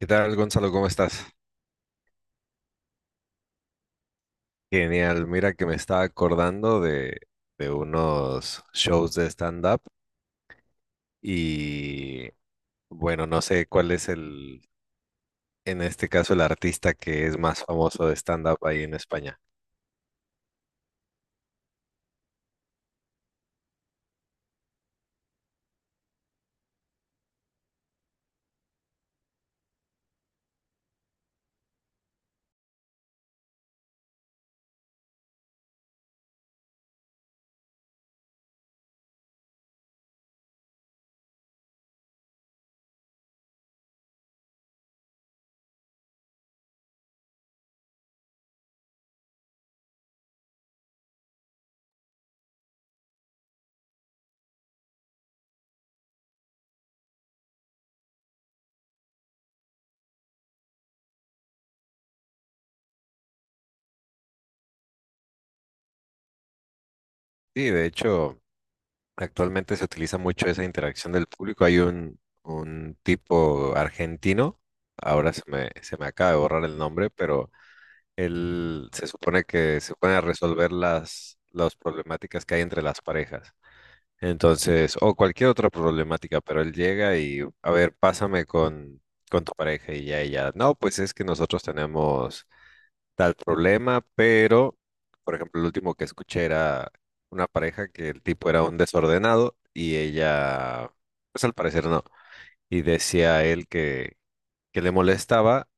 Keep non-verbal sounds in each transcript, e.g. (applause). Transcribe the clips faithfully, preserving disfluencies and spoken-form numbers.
¿Qué tal, Gonzalo? ¿Cómo estás? Genial. Mira que me estaba acordando de, de unos shows de stand-up y bueno, no sé cuál es el, en este caso, el artista que es más famoso de stand-up ahí en España. Sí, de hecho, actualmente se utiliza mucho esa interacción del público. Hay un, un tipo argentino, ahora se me, se me acaba de borrar el nombre, pero él se supone que se pone a resolver las, las problemáticas que hay entre las parejas. Entonces, o cualquier otra problemática, pero él llega y, a ver, pásame con, con tu pareja y ya, y ya. No, pues es que nosotros tenemos tal problema, pero, por ejemplo, el último que escuché era una pareja que el tipo era un desordenado y ella, pues al parecer no. Y decía él que, que le molestaba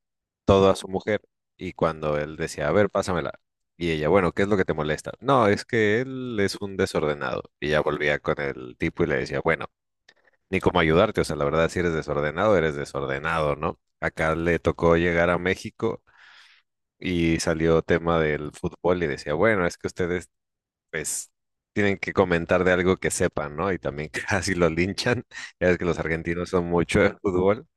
todo a su mujer. Y cuando él decía, a ver, pásamela. Y ella, bueno, ¿qué es lo que te molesta? No, es que él es un desordenado. Y ella volvía con el tipo y le decía, bueno, ni cómo ayudarte. O sea, la verdad, si eres desordenado, eres desordenado, ¿no? Acá le tocó llegar a México y salió tema del fútbol y decía, bueno, es que ustedes, pues, tienen que comentar de algo que sepan, ¿no? Y también (laughs) casi lo linchan. Ya ves que los argentinos son mucho de fútbol.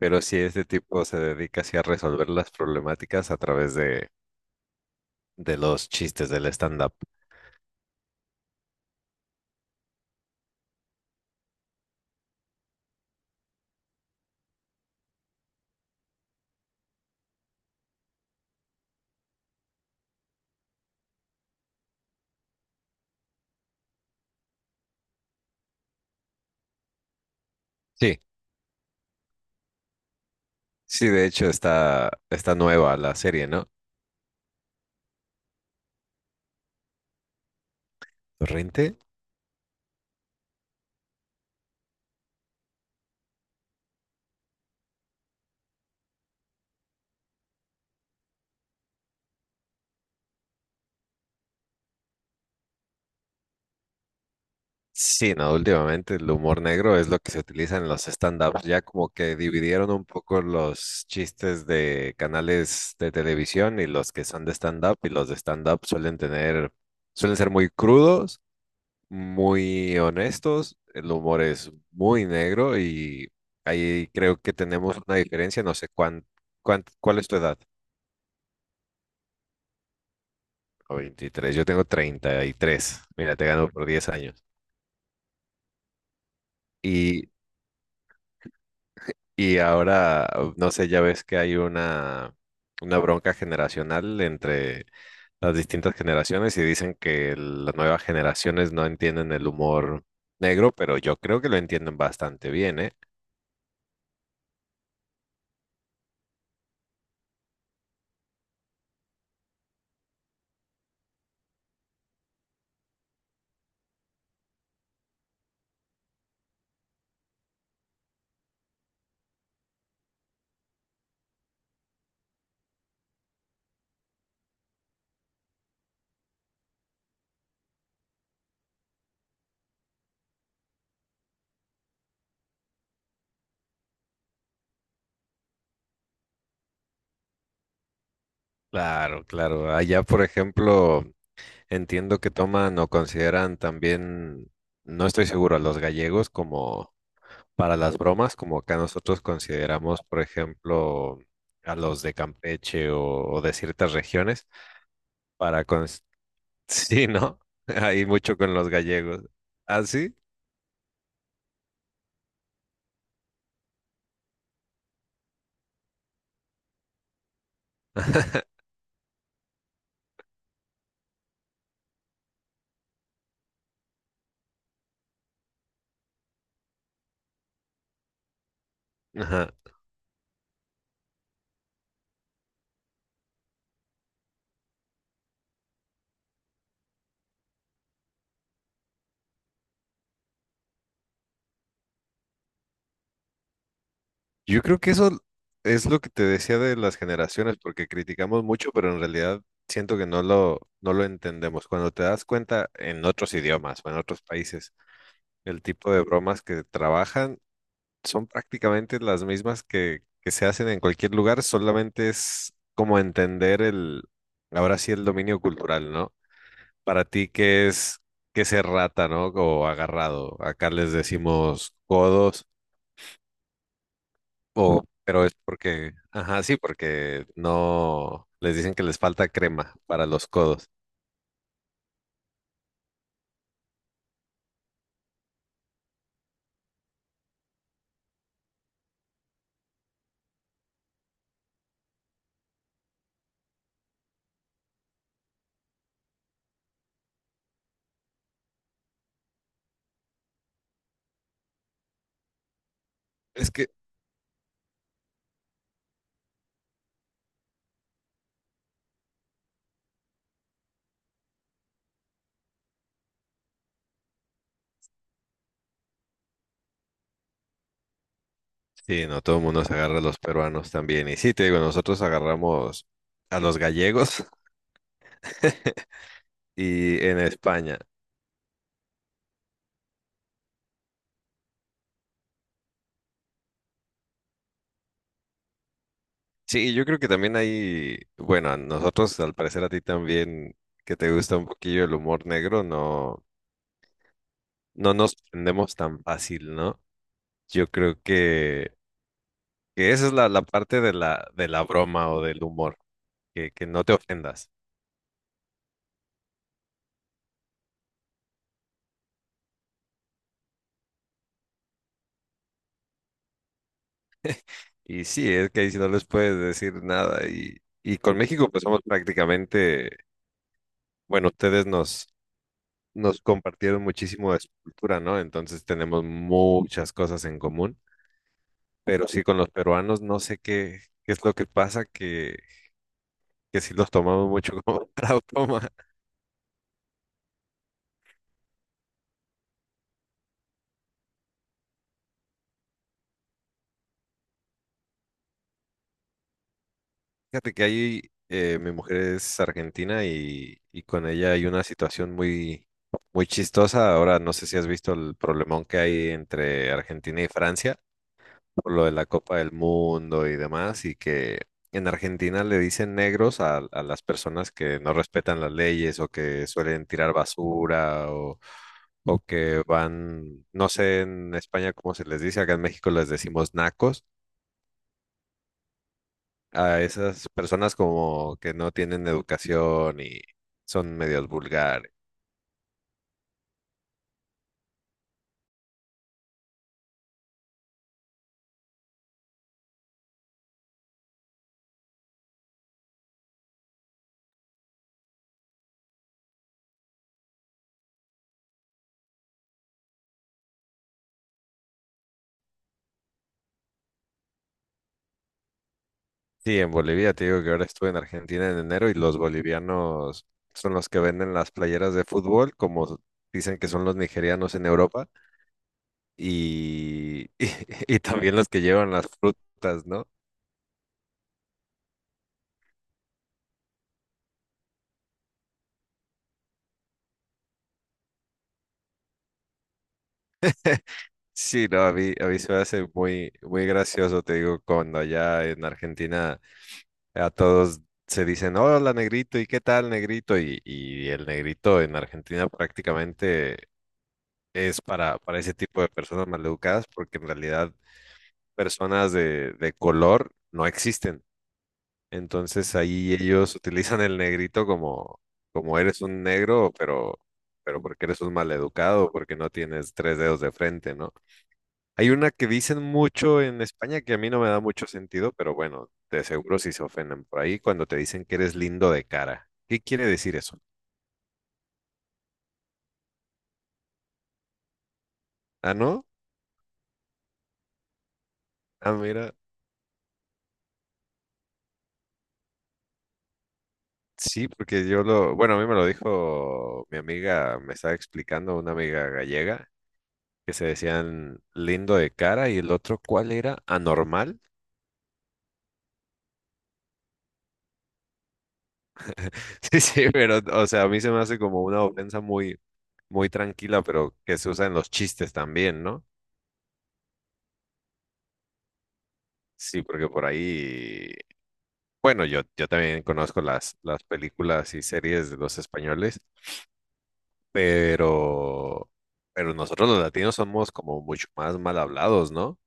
Pero sí, este tipo se dedica así a resolver las problemáticas a través de, de los chistes del stand-up. Sí, sí, de hecho está, está nueva la serie, ¿no? ¿Torrente? Sí, no, últimamente el humor negro es lo que se utiliza en los stand-ups. Ya como que dividieron un poco los chistes de canales de televisión y los que son de stand-up, y los de stand-up suelen tener, suelen ser muy crudos, muy honestos, el humor es muy negro y ahí creo que tenemos una diferencia, no sé cuán, cuán- cuál es tu edad. O veintitrés, yo tengo treinta y tres, mira, te gano por diez años. Y, y ahora, no sé, ya ves que hay una, una bronca generacional entre las distintas generaciones y dicen que las nuevas generaciones no entienden el humor negro, pero yo creo que lo entienden bastante bien, ¿eh? Claro, claro. Allá, por ejemplo, entiendo que toman o consideran también, no estoy seguro, a los gallegos como para las bromas, como acá nosotros consideramos, por ejemplo, a los de Campeche o, o de ciertas regiones, para... cons- (laughs) Sí, ¿no? (laughs) Hay mucho con los gallegos. ¿Ah, sí? Ajá. Yo creo que eso es lo que te decía de las generaciones, porque criticamos mucho, pero en realidad siento que no lo, no lo entendemos. Cuando te das cuenta en otros idiomas o en otros países, el tipo de bromas que trabajan son prácticamente las mismas que, que se hacen en cualquier lugar, solamente es como entender el, ahora sí, el dominio cultural, ¿no? Para ti, ¿qué es, ¿qué es rata? ¿No? O agarrado. Acá les decimos codos, o, pero es porque, ajá, sí, porque no, les dicen que les falta crema para los codos. Es que, sí, no, todo el mundo se agarra a los peruanos también. Y sí, te digo, nosotros agarramos a los gallegos. (laughs) Y en España. Sí, yo creo que también hay, bueno, a nosotros, al parecer a ti también, que te gusta un poquillo el humor negro, no, no nos prendemos tan fácil, ¿no? Yo creo que, que esa es la, la parte de la, de la broma o del humor, que, que no te ofendas. Y sí, es que ahí sí no les puedes decir nada. Y, y con México, pues somos prácticamente, bueno, ustedes nos, nos compartieron muchísimo de su cultura, ¿no? Entonces tenemos muchas cosas en común. Pero sí, con los peruanos no sé qué, qué es lo que pasa, que, que sí los tomamos mucho como (laughs) para broma. Fíjate que ahí eh, mi mujer es argentina y, y con ella hay una situación muy, muy chistosa. Ahora no sé si has visto el problemón que hay entre Argentina y Francia, por lo de la Copa del Mundo y demás, y que en Argentina le dicen negros a, a las personas que no respetan las leyes o que suelen tirar basura o, o que van, no sé en España cómo se les dice, acá en México les decimos nacos, a esas personas como que no tienen educación y son medios vulgares. Sí, en Bolivia, te digo que ahora estuve en Argentina en enero y los bolivianos son los que venden las playeras de fútbol, como dicen que son los nigerianos en Europa. Y, (laughs) y también los que llevan las frutas, ¿no? Sí, no, a mí, a mí se me hace muy, muy gracioso, te digo, cuando allá en Argentina a todos se dicen, hola negrito, ¿y qué tal negrito? Y, y el negrito en Argentina prácticamente es para, para ese tipo de personas maleducadas, porque en realidad personas de, de color no existen. Entonces ahí ellos utilizan el negrito como, como eres un negro, pero, pero porque eres un maleducado, porque no tienes tres dedos de frente, ¿no? Hay una que dicen mucho en España que a mí no me da mucho sentido, pero bueno, de seguro si se ofenden por ahí cuando te dicen que eres lindo de cara. ¿Qué quiere decir eso? Ah, ¿no? Ah, mira, sí, porque yo lo, bueno, a mí me lo dijo mi amiga, me estaba explicando una amiga gallega, que se decían lindo de cara y el otro, ¿cuál era? Anormal. (laughs) Sí, sí, pero, o sea, a mí se me hace como una ofensa muy, muy tranquila, pero que se usa en los chistes también, ¿no? Sí, porque por ahí, bueno, yo, yo también conozco las, las películas y series de los españoles, pero, pero nosotros los latinos somos como mucho más mal hablados, ¿no?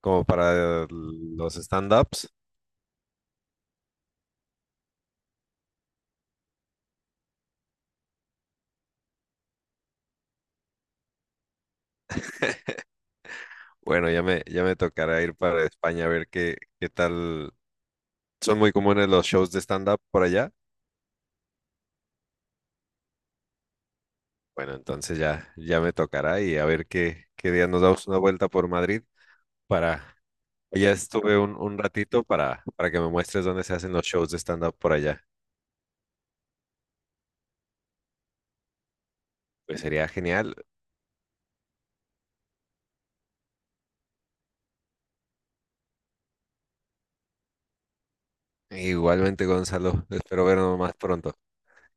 Como para los stand-ups. Bueno, ya me, ya me tocará ir para España a ver qué, qué tal. Son muy comunes los shows de stand-up por allá. Bueno, entonces ya, ya me tocará y a ver qué, qué día nos damos una vuelta por Madrid para... pues, Ya estuve un, un ratito para, para que me muestres dónde se hacen los shows de stand-up por allá. Pues sería genial. Igualmente, Gonzalo, espero vernos más pronto.